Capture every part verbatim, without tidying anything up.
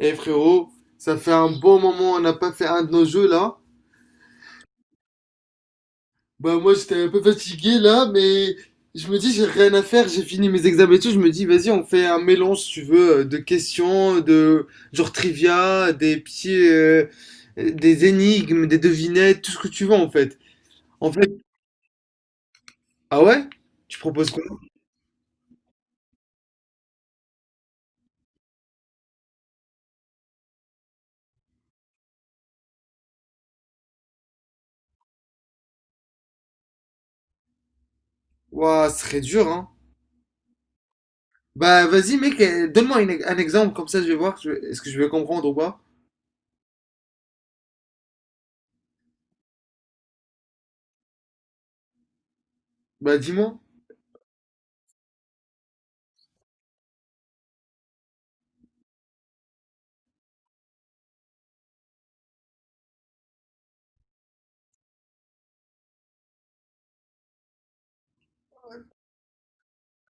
Eh frérot, ça fait un bon moment, on n'a pas fait un de nos jeux là. Bah moi j'étais un peu fatigué là, mais je me dis j'ai rien à faire, j'ai fini mes examens et tout, je me dis vas-y on fait un mélange si tu veux euh, de questions, de genre trivia, des petits, euh, euh, des énigmes, des devinettes, tout ce que tu veux en fait. En fait, ah ouais? Tu proposes quoi? Ouah, ce serait dur hein. Bah vas-y mec, euh, donne-moi une- un exemple comme ça je vais voir que je- est-ce que je vais comprendre ou pas. Bah dis-moi.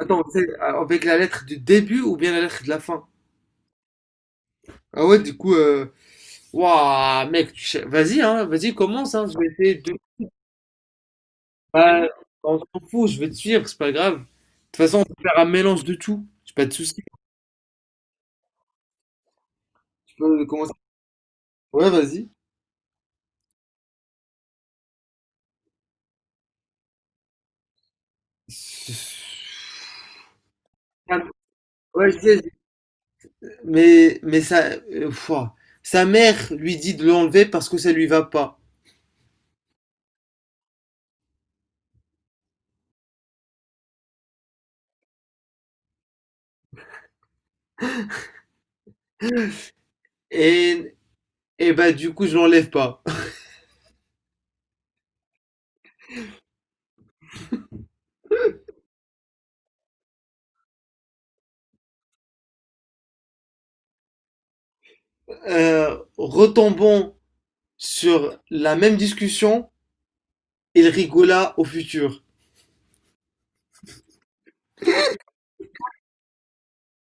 Attends, c'est avec la lettre du début ou bien la lettre de la fin? Ah ouais, du coup, euh, waouh, mec, tu cher- vas-y, hein, vas-y, commence, hein, je vais essayer de. Bah, on s'en fout, je vais te suivre, c'est pas grave. De toute façon, on peut faire un mélange de tout, j'ai pas de soucis. Tu peux commencer. Ouais, vas-y. Ah, ouais, je sais, je- mais, mais ça, euh, pouah. Sa mère lui dit de l'enlever parce que ça lui va pas. Et, et bah, du coup, je l'enlève pas. Euh, retombons sur la même discussion. Il rigola au futur.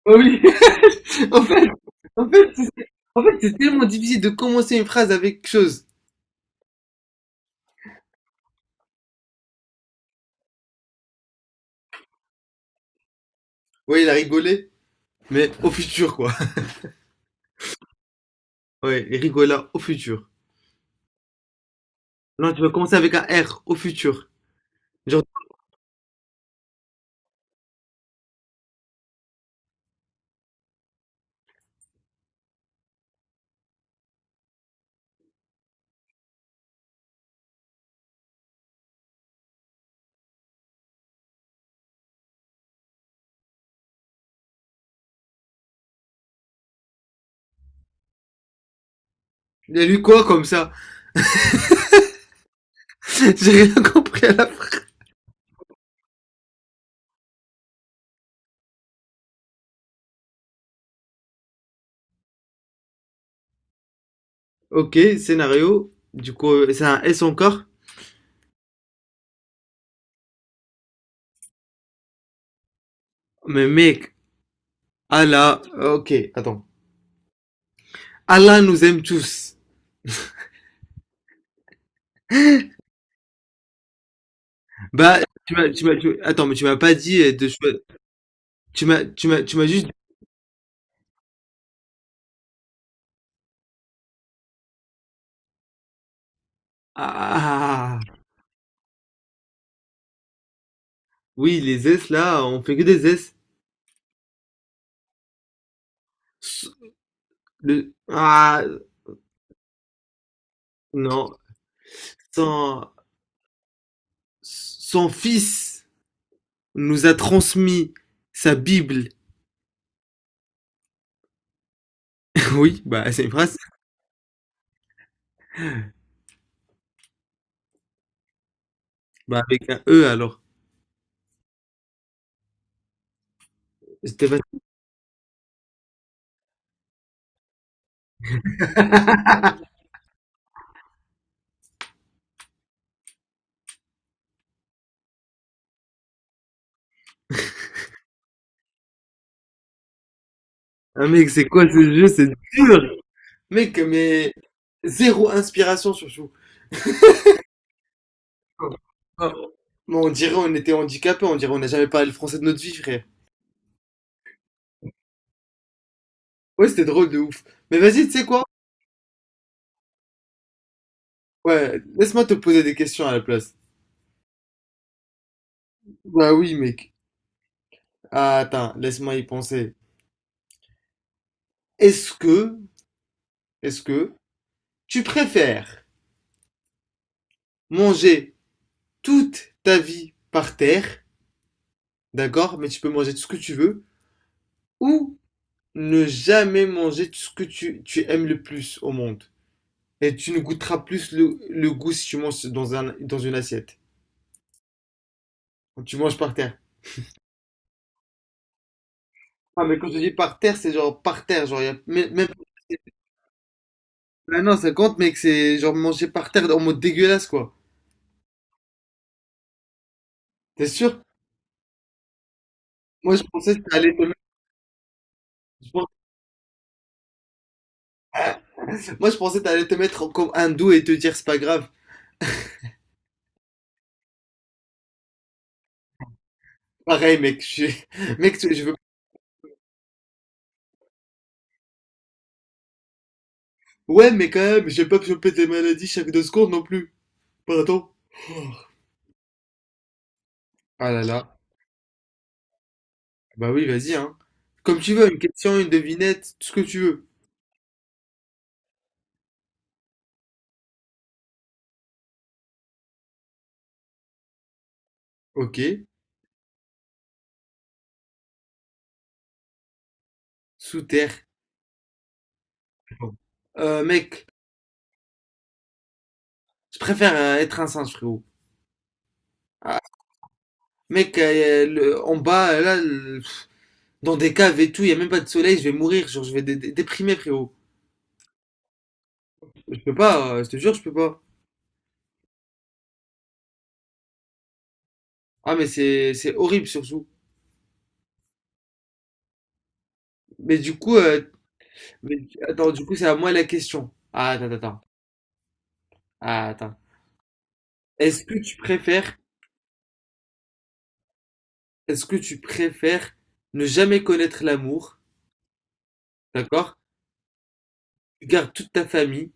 Oui, en fait, en fait, c'est- en fait, c'est tellement difficile de commencer une phrase avec quelque chose. Oui, il a rigolé, mais au futur, quoi. Ouais, il rigola au futur. Non, tu vas commencer avec un R, au futur. Genre, il a lu quoi comme ça. J'ai rien compris à la phrase. Ok, scénario. Du coup, euh, c'est un S encore. Mais mec, Allah. Ok, attends. Allah nous aime tous. Bah, tu m'as, tu m'as, tu- attends, mais tu m'as pas dit euh, de choix. Tu m'as, tu m'as, tu m'as juste. Ah, ah, ah, ah. Oui, les S là, on fait que des S. S- Le... Ah, non. Son... Son fils nous a transmis sa Bible. Oui, bah c'est une phrase. Bah avec un E alors. J'étais pas... Ah mec, c'est quoi ce jeu? C'est dur! Mec, mais zéro inspiration surtout. Ah, bon, on dirait on était handicapés. On dirait on n'a jamais parlé le français de notre vie, frère. Ouais, c'était drôle de ouf. Mais vas-y, tu sais quoi? Ouais, laisse-moi te poser des questions à la place. Bah oui, mec. Ah, attends, laisse-moi y penser. Est-ce que, est-ce que tu préfères manger toute ta vie par terre, d'accord, mais tu peux manger tout ce que tu veux, ou ne jamais manger tout ce que tu, tu aimes le plus au monde? Et tu ne goûteras plus le, le goût si tu manges dans un, dans une assiette. Quand tu manges par terre. Ah, mais quand je dis par terre, c'est genre par terre, genre, y a, même, même- Ah non, ça compte, mec, c'est genre manger par terre en mode dégueulasse, quoi. T'es sûr? Moi, je pensais que ça allait te mettre, moi, je pensais que t'allais te mettre comme hindou et te dire c'est pas grave. Pareil, mec, je, mec, tu- je veux. Ouais, mais quand même, j'ai pas chopé des maladies chaque deux secondes non plus. Pardon. Ah là là. Bah oui, vas-y, hein. Comme tu veux, une question, une devinette, tout ce que tu veux. Ok. Sous terre. Bon. Euh, mec, je préfère euh, être un singe, frérot. Ah, mec, euh, le- en bas, euh, là, le- dans des caves et tout, il y a même pas de soleil, je vais mourir, genre, je vais dé- dé- déprimer, frérot. Je peux pas, euh, je te jure, je peux pas. Ah, mais c'est c'est horrible, surtout. Mais du coup, euh, mais- attends, du coup, c'est à moi la question. Ah, attends, attends, Ah, attends. Est-ce que tu préfères, est-ce que tu préfères ne jamais connaître l'amour, d'accord? Tu gardes toute ta famille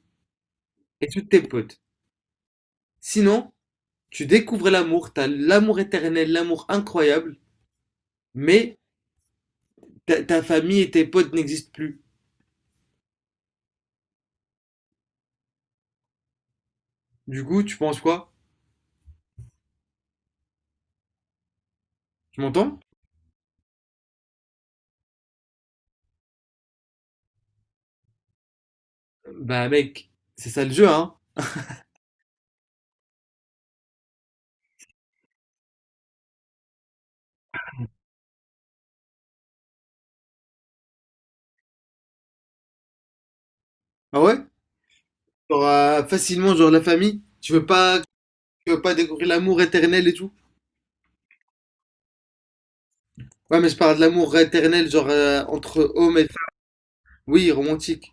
et tous tes potes. Sinon, tu découvres l'amour, t'as l'amour éternel, l'amour incroyable, mais ta, ta famille et tes potes n'existent plus. Du coup, tu penses quoi? Tu m'entends? Bah, mec, c'est ça le jeu, hein? Ah ouais? T'auras facilement, genre, la famille. Tu veux pas, tu veux pas découvrir l'amour éternel et tout? Ouais, mais je parle de l'amour éternel, genre euh, entre homme et femme. Oui, romantique.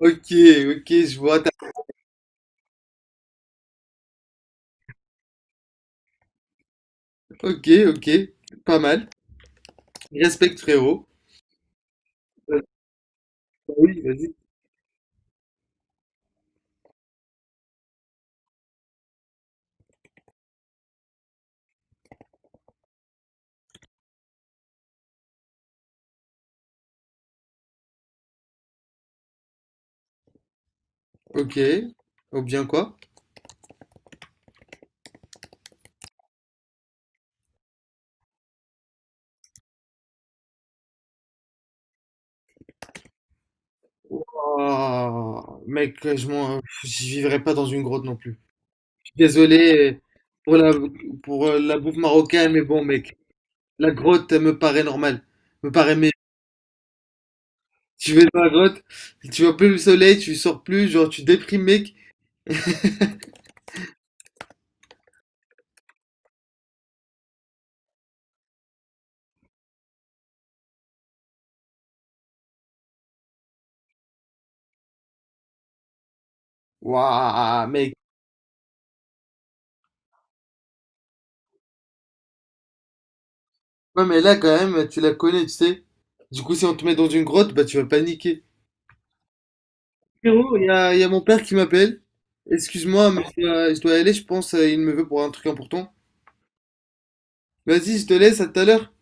Ok, ok, je vois. ta- Ok, ok, pas mal. Respect, frérot. Euh, Oui, vas-y. Ok, ou bien quoi? Ouah, mec, je m'en, je vivrai pas dans une grotte non plus. Je suis désolé pour la, pour euh, la bouffe marocaine, mais bon, mec, la grotte elle me paraît normale, me paraît mais tu vas dans la grotte, tu vois plus le soleil, tu sors plus, genre tu déprimes, mec. Waouh, mec. Ouais, mais là, quand même, tu la connais, tu sais. Du coup, si on te met dans une grotte, bah, tu vas paniquer. Frérot, il y a, il y a mon père qui m'appelle. Excuse-moi, mais je dois, je dois y aller, je pense, euh, il me veut pour un truc important. Vas-y, je te laisse, à tout à l'heure.